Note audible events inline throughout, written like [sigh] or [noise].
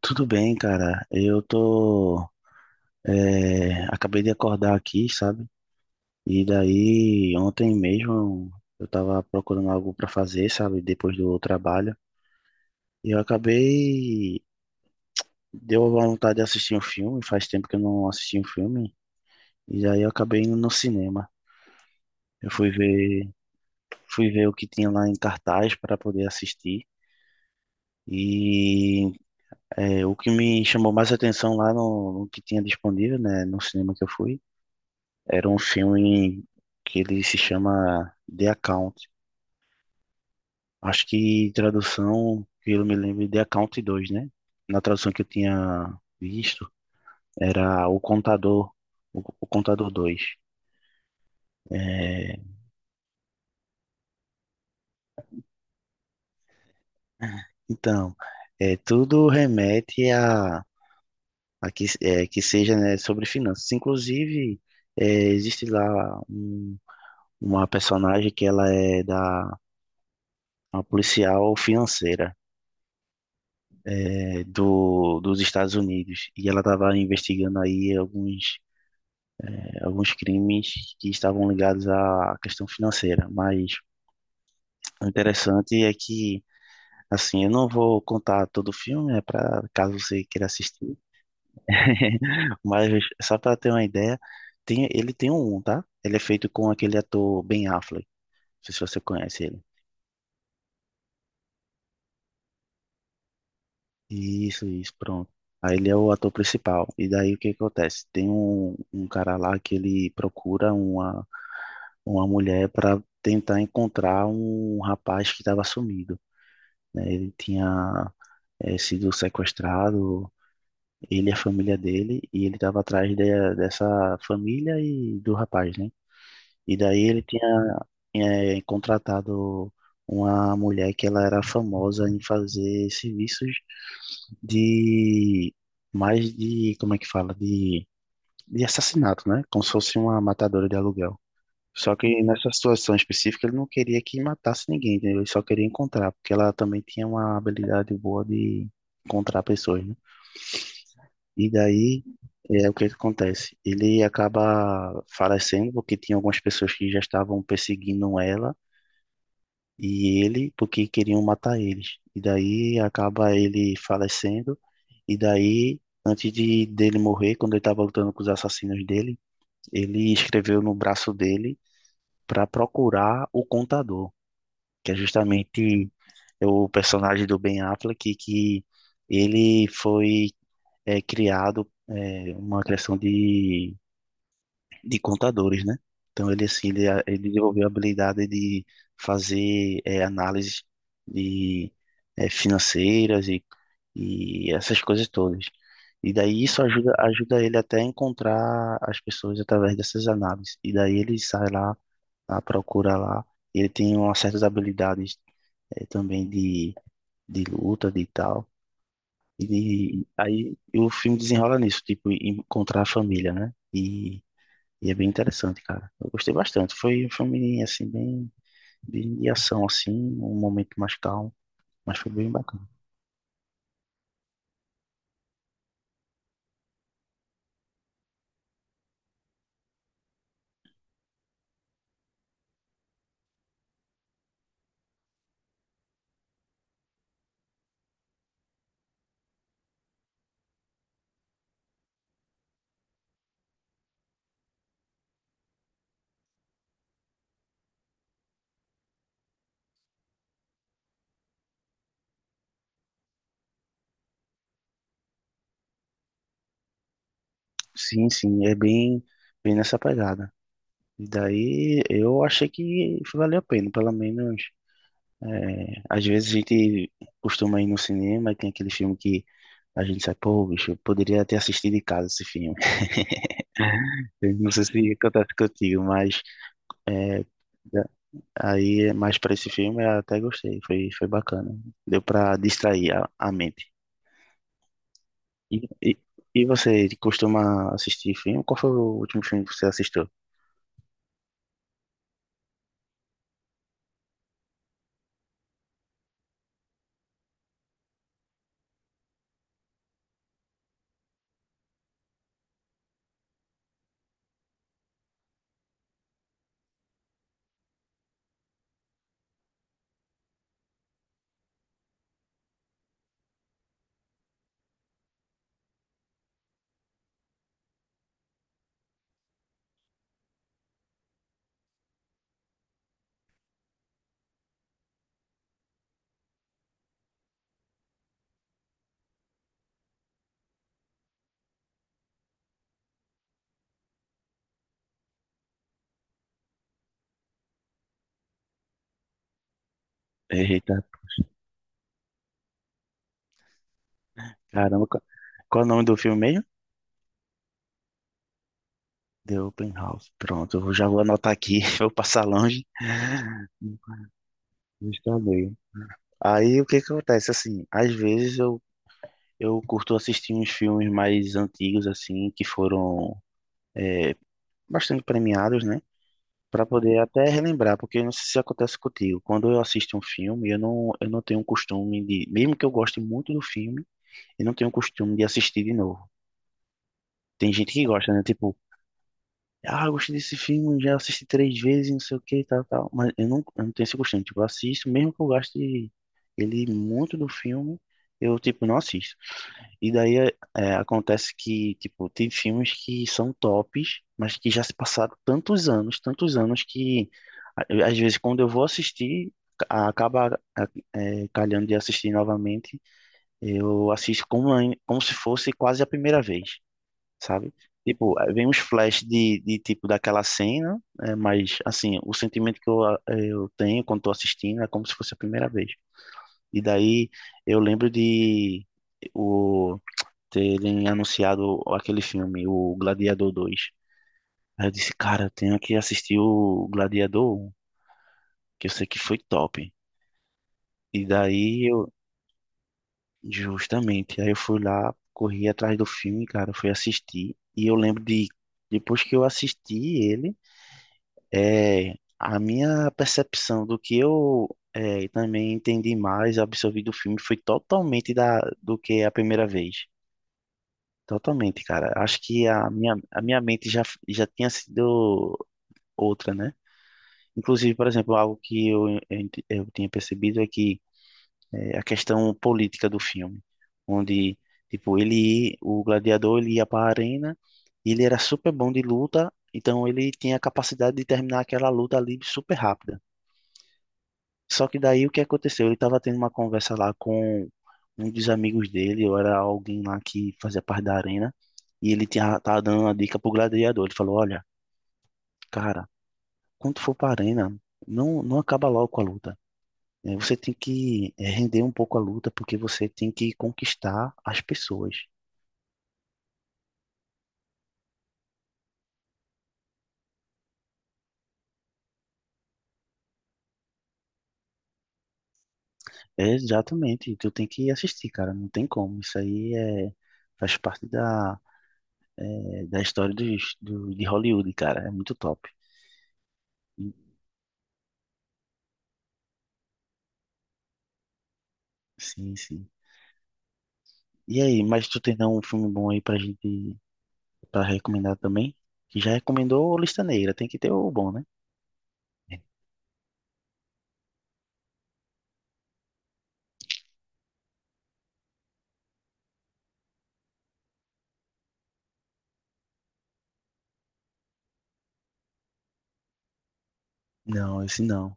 Tudo bem, cara. Eu tô. Acabei de acordar aqui, sabe? E daí, ontem mesmo, eu tava procurando algo pra fazer, sabe? Depois do trabalho. E eu acabei. Deu a vontade de assistir um filme. Faz tempo que eu não assisti um filme. E daí, eu acabei indo no cinema. Eu fui ver o que tinha lá em cartaz para poder assistir. E o que me chamou mais atenção lá no que tinha disponível, né? No cinema que eu fui. Era um filme que ele se chama The Account. Acho que tradução, que eu me lembro, é The Account 2, né? Na tradução que eu tinha visto, era O Contador, o Contador dois. É, então, tudo remete a que seja, né, sobre finanças. Inclusive, é, existe lá uma personagem que ela é da uma policial financeira dos Estados Unidos e ela estava investigando aí alguns crimes que estavam ligados à questão financeira. Mas o interessante é que, assim, eu não vou contar todo o filme, é para caso você queira assistir, [laughs] mas só para ter uma ideia, ele tem um, tá? Ele é feito com aquele ator Ben Affleck, não sei se você conhece ele. Isso, pronto. Aí ele é o ator principal. E daí o que acontece? Tem um cara lá que ele procura uma mulher para tentar encontrar um rapaz que estava sumido, né? Ele tinha sido sequestrado, ele e a família dele, e ele estava atrás dessa família e do rapaz, né? E daí ele tinha contratado uma mulher que ela era famosa em fazer serviços de mais de, como é que fala? De assassinato, né? Como se fosse uma matadora de aluguel. Só que nessa situação específica ele não queria que matasse ninguém, entendeu? Ele só queria encontrar, porque ela também tinha uma habilidade boa de encontrar pessoas, né? E daí o que que acontece? Ele acaba falecendo porque tinha algumas pessoas que já estavam perseguindo ela e ele porque queriam matar eles. E daí acaba ele falecendo e daí antes de dele morrer, quando ele estava lutando com os assassinos dele, ele escreveu no braço dele para procurar o contador. Que é justamente o personagem do Ben Affleck, que ele foi criado uma criação de contadores, né? Então ele assim ele desenvolveu a habilidade de fazer análises de financeiras e essas coisas todas. E daí isso ajuda ele até a encontrar as pessoas através dessas análises. E daí ele sai lá, à procura lá. Ele tem umas certas habilidades também de luta, de tal. E aí o filme desenrola nisso, tipo, encontrar a família, né? E é bem interessante, cara. Eu gostei bastante. Foi um filme, assim, bem, bem de ação, assim, um momento mais calmo, mas foi bem bacana. Sim, sim, é bem, bem nessa pegada. E daí eu achei que valeu a pena, pelo menos. Às vezes a gente costuma ir no cinema e tem aquele filme que a gente sai, pô, bicho, eu poderia ter assistido em casa esse filme. Eu não sei se acontece contigo, mas é, da- aí mais para esse filme eu até gostei, foi bacana. Deu para distrair a mente. E, e, e você costuma assistir filme? Qual foi o último filme que você assistiu? Eita, caramba, qual é o nome do filme mesmo? The Open House. Pronto, eu já vou anotar aqui, [laughs] vou passar longe. Está bem. Aí o que que acontece? Assim, às vezes eu curto assistir uns filmes mais antigos, assim, que foram, é, bastante premiados, né? Para poder até relembrar, porque eu não sei se acontece contigo. Quando eu assisto um filme, eu não tenho um costume de, mesmo que eu goste muito do filme, eu não tenho um costume de assistir de novo. Tem gente que gosta, né? Tipo, ah, eu gostei desse filme, já assisti três vezes, não sei o que, tal, tal. Mas eu não tenho esse costume. Tipo, eu assisto, mesmo que eu goste ele muito do filme, eu, tipo, não assisto. E daí acontece que, tipo, tem filmes que são tops, mas que já se passaram tantos anos que às vezes quando eu vou assistir, acaba calhando de assistir novamente, eu assisto como, como se fosse quase a primeira vez, sabe? Tipo, vem uns flash de tipo daquela cena, mas assim, o sentimento que eu tenho quando tô assistindo é como se fosse a primeira vez. E daí eu lembro de o terem anunciado aquele filme, o Gladiador dois. Aí eu disse, cara, eu tenho que assistir o Gladiador 1, que eu sei que foi top. E daí eu, justamente, aí eu fui lá, corri atrás do filme, cara, fui assistir. E eu lembro de, depois que eu assisti ele, a minha percepção do que eu também entendi mais, absorvi do filme, foi totalmente do que a primeira vez. Totalmente, cara. Acho que a minha mente já tinha sido outra, né? Inclusive, por exemplo, algo que eu tinha percebido é que a questão política do filme, onde, tipo, ele, o gladiador, ele ia para a arena, e ele era super bom de luta, então ele tinha a capacidade de terminar aquela luta ali super rápida. Só que daí o que aconteceu? Ele estava tendo uma conversa lá com um dos amigos dele, ou era alguém lá que fazia parte da arena, e ele tava dando uma dica pro gladiador. Ele falou, olha, cara, quando tu for pra arena, não, não acaba logo com a luta, né? Você tem que render um pouco a luta, porque você tem que conquistar as pessoas. É, exatamente, tu tem que assistir, cara, não tem como. Isso aí faz parte da história de Hollywood, cara, é muito top. Sim, sim. E aí, mas tu tem um filme bom aí pra gente, pra recomendar também? Que já recomendou o Lista Negra, tem que ter o bom, né? Não, esse não.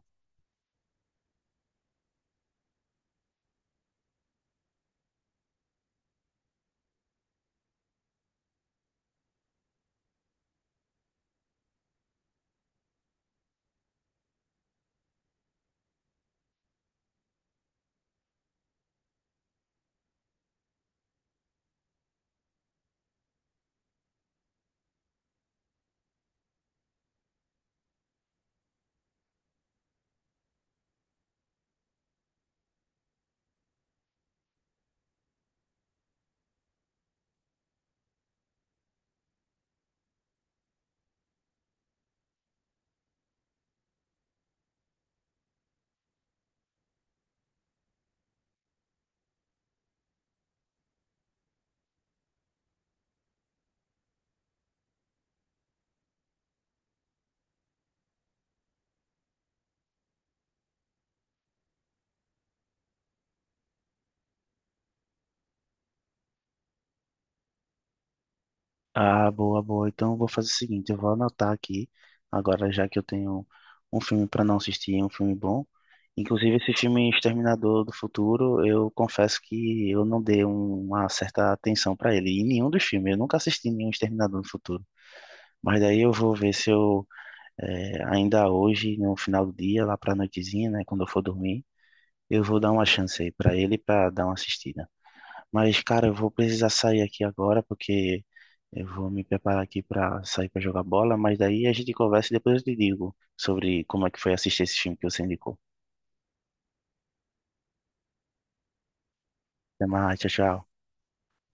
Ah, boa, boa. Então eu vou fazer o seguinte, eu vou anotar aqui, agora já que eu tenho um filme para não assistir, um filme bom. Inclusive esse filme Exterminador do Futuro, eu confesso que eu não dei uma certa atenção para ele, em nenhum dos filmes. Eu nunca assisti nenhum Exterminador do Futuro. Mas daí eu vou ver se eu, ainda hoje, no final do dia, lá para a noitezinha, né, quando eu for dormir, eu vou dar uma chance aí para ele para dar uma assistida. Mas, cara, eu vou precisar sair aqui agora porque eu vou me preparar aqui para sair para jogar bola. Mas daí a gente conversa e depois eu te digo sobre como é que foi assistir esse filme que você indicou. Até mais, tchau, tchau.